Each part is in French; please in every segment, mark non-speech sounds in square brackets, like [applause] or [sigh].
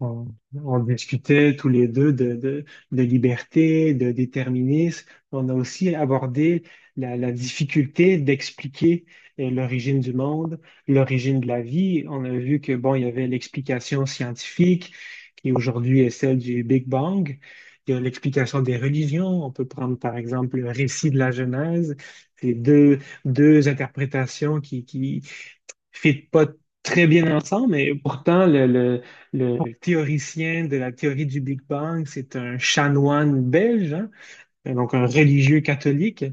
On, on discutait tous les deux de liberté, de déterminisme. On a aussi abordé la difficulté d'expliquer l'origine du monde, l'origine de la vie. On a vu que, bon, il y avait l'explication scientifique, qui aujourd'hui est celle du Big Bang. Il y a l'explication des religions. On peut prendre, par exemple, le récit de la Genèse. C'est deux interprétations fit pas très bien ensemble, mais pourtant, le théoricien de la théorie du Big Bang, c'est un chanoine belge, hein? Donc un religieux catholique.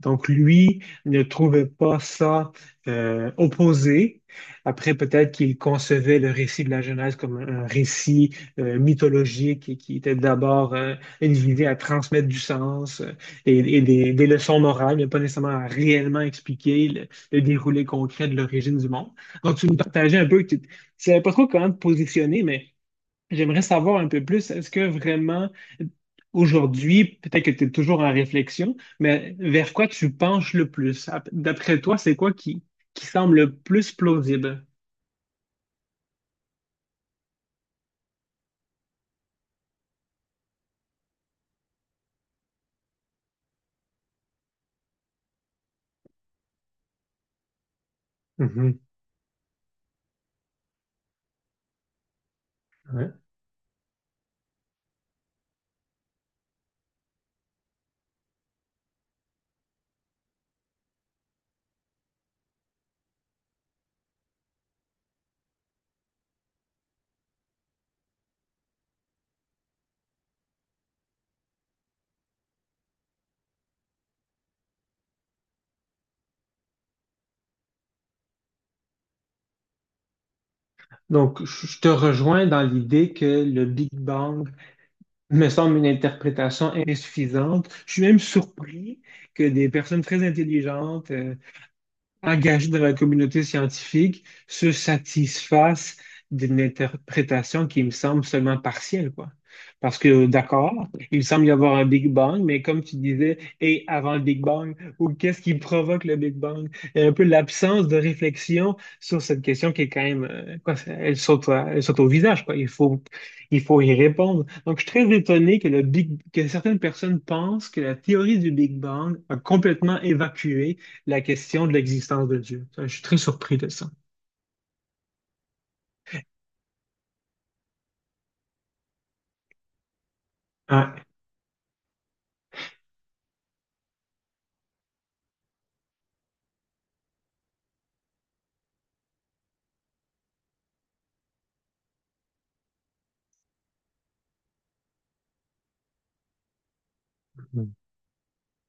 Donc lui ne trouvait pas ça opposé. Après, peut-être qu'il concevait le récit de la Genèse comme un récit mythologique et qui était d'abord une visée à transmettre du sens et des leçons morales, mais pas nécessairement à réellement expliquer le déroulé concret de l'origine du monde. Donc tu nous partageais un peu, que tu ne savais pas trop comment te positionner, mais j'aimerais savoir un peu plus, est-ce que vraiment aujourd'hui, peut-être que tu es toujours en réflexion, mais vers quoi tu penches le plus? D'après toi, c'est quoi qui semble le plus plausible? Mhm, ouais. Donc, je te rejoins dans l'idée que le Big Bang me semble une interprétation insuffisante. Je suis même surpris que des personnes très intelligentes engagés dans la communauté scientifique se satisfassent d'une interprétation qui me semble seulement partielle, quoi. Parce que, d'accord, il semble y avoir un Big Bang, mais comme tu disais, et avant le Big Bang, ou qu'est-ce qui provoque le Big Bang? Et un peu l'absence de réflexion sur cette question qui est quand même, quoi, elle saute, elle saute au visage, quoi. Il faut y répondre. Donc, je suis très étonné que que certaines personnes pensent que la théorie du Big Bang a complètement évacué la question de l'existence de Dieu. Je suis très surpris de ça. Ouais,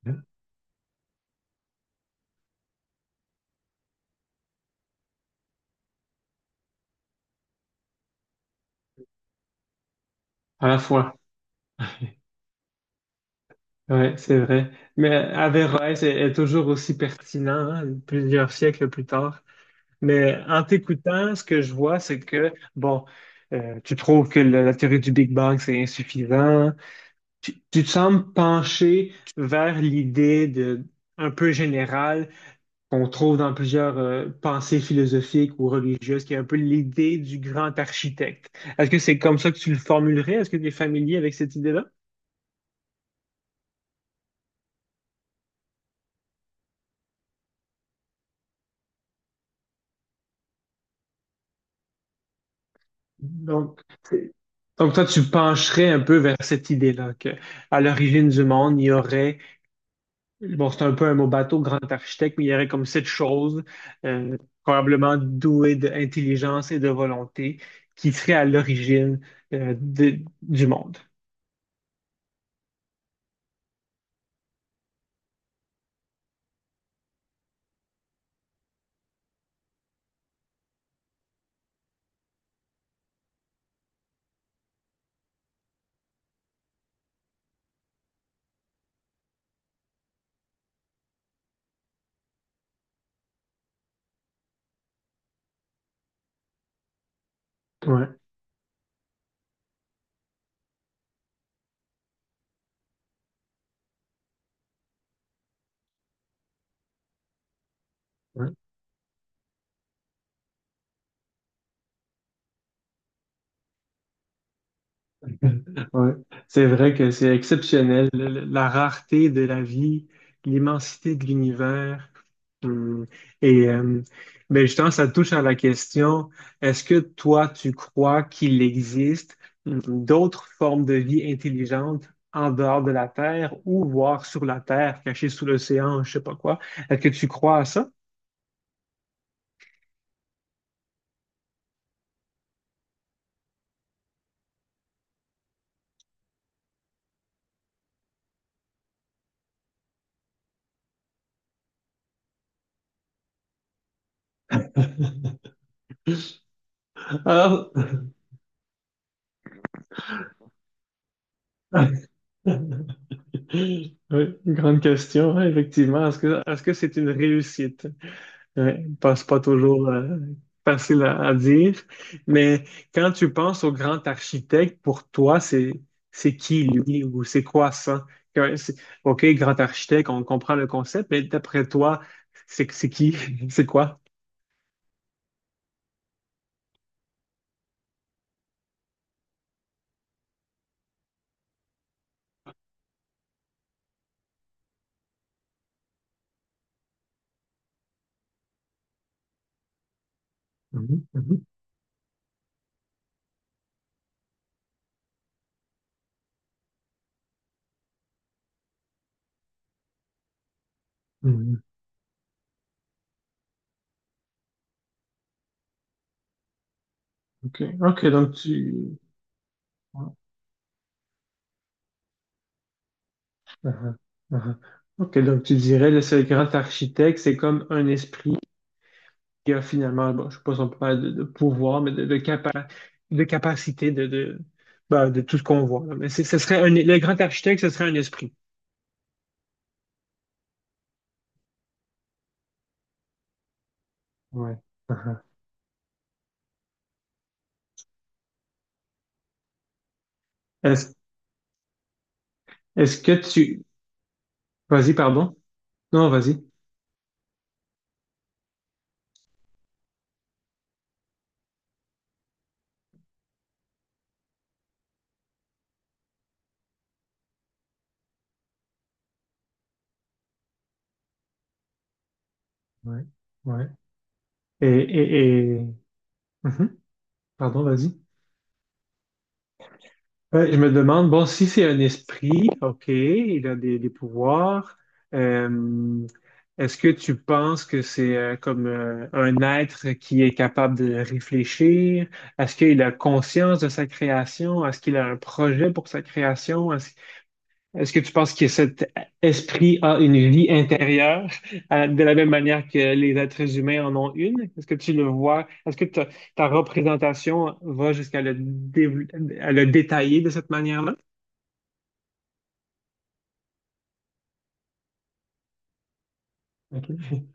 mhm. À la fois. Ouais, c'est vrai. Mais Averroès est toujours aussi pertinent, hein, plusieurs siècles plus tard. Mais en t'écoutant, ce que je vois, c'est que, bon, tu trouves que la théorie du Big Bang, c'est insuffisant. Tu te sembles pencher vers l'idée de, un peu générale qu'on trouve dans plusieurs pensées philosophiques ou religieuses, qui est un peu l'idée du grand architecte. Est-ce que c'est comme ça que tu le formulerais? Est-ce que tu es familier avec cette idée-là? Donc, c'est- donc toi, tu pencherais un peu vers cette idée-là, que à l'origine du monde, il y aurait bon, c'est un peu un mot bateau, grand architecte, mais il y aurait comme cette chose, euh, probablement douée d'intelligence et de volonté, qui serait à l'origine, du monde. Ouais, ouais. Ouais. C'est vrai que c'est exceptionnel, la rareté de la vie, l'immensité de l'univers. Hum. Et ben justement, ça touche à la question, est-ce que toi, tu crois qu'il existe d'autres formes de vie intelligentes en dehors de la Terre ou voire sur la Terre, cachées sous l'océan, je sais pas quoi? Est-ce que tu crois à ça? Ah. [laughs] Oui, une grande question, ouais, effectivement. Est-ce que c'est une réussite? Ouais, pense pas toujours facile à dire, mais quand tu penses au grand architecte, pour toi, c'est qui lui ou c'est quoi ça? Que- c'est- OK, grand architecte, on comprend le concept, mais d'après toi, c'est qui? [laughs] C'est quoi? Mhm, mhm, mhm. OK, OK, donc tu... Mhm, mhm. OK, donc tu dirais, là, c'est le grand architecte, c'est comme un esprit qui a finalement, bon, je ne sais pas si on peut parler de pouvoir, mais de capacité ben, de tout ce qu'on voit. Là. Mais ce serait un, le grand architecte, ce serait un esprit. Ouais, mhm. Est-ce, est-ce que tu... Vas-y, pardon. Non, vas-y. Ouais, ouais. Et... Mhm. Pardon, vas-y. Ouais, je me demande, bon, si c'est un esprit, OK, il a des pouvoirs, euh, est-ce que tu penses que c'est comme un être qui est capable de réfléchir? Est-ce qu'il a conscience de sa création? Est-ce qu'il a un projet pour sa création? Est-ce que tu penses que cet esprit a une vie intérieure de la même manière que les êtres humains en ont une? Est-ce que tu le vois? Est-ce que ta représentation va jusqu'à le, dév- à le détailler de cette manière-là? OK.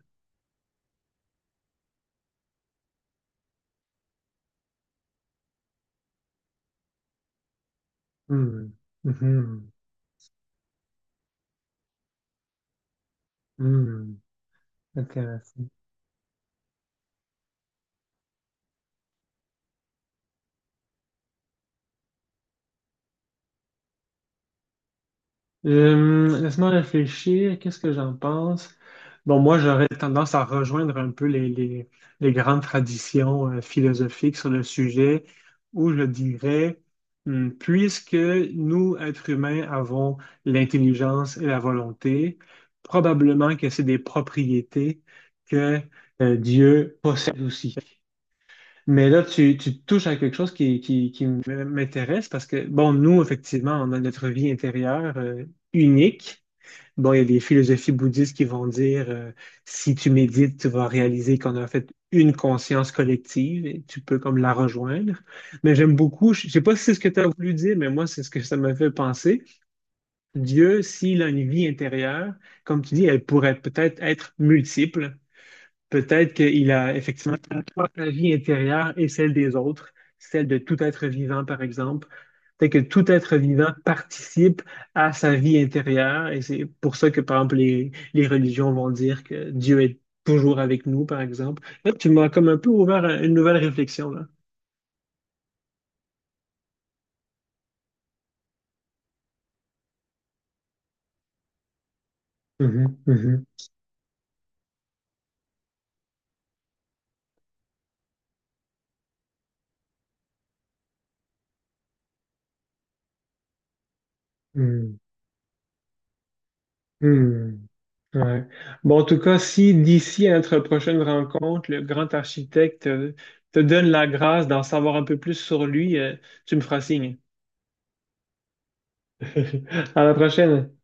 Hmm. Mhm. Hmm. Intéressant. Laisse-moi réfléchir, qu'est-ce que j'en pense? Bon, moi, j'aurais tendance à rejoindre un peu les grandes traditions philosophiques sur le sujet, où je dirais, puisque nous, êtres humains, avons l'intelligence et la volonté, probablement que c'est des propriétés que Dieu possède aussi. Mais là, tu touches à quelque chose qui m'intéresse parce que, bon, nous, effectivement, on a notre vie intérieure unique. Bon, il y a des philosophies bouddhistes qui vont dire, si tu médites, tu vas réaliser qu'on a en fait une conscience collective et tu peux comme la rejoindre. Mais j'aime beaucoup, je sais pas si c'est ce que tu as voulu dire, mais moi, c'est ce que ça m'a fait penser. Dieu, s'il a une vie intérieure, comme tu dis, elle pourrait peut-être être multiple. Peut-être qu'il a effectivement la vie intérieure et celle des autres, celle de tout être vivant, par exemple. Peut-être que tout être vivant participe à sa vie intérieure et c'est pour ça que, par exemple, les religions vont dire que Dieu est toujours avec nous, par exemple. Là, tu m'as comme un peu ouvert à une nouvelle réflexion, là. Mhm, mhm, mhm. Hmm. Ouais. Bon, en tout cas, si d'ici à notre prochaine rencontre, le grand architecte te donne la grâce d'en savoir un peu plus sur lui, tu me feras signe. [laughs] À la prochaine.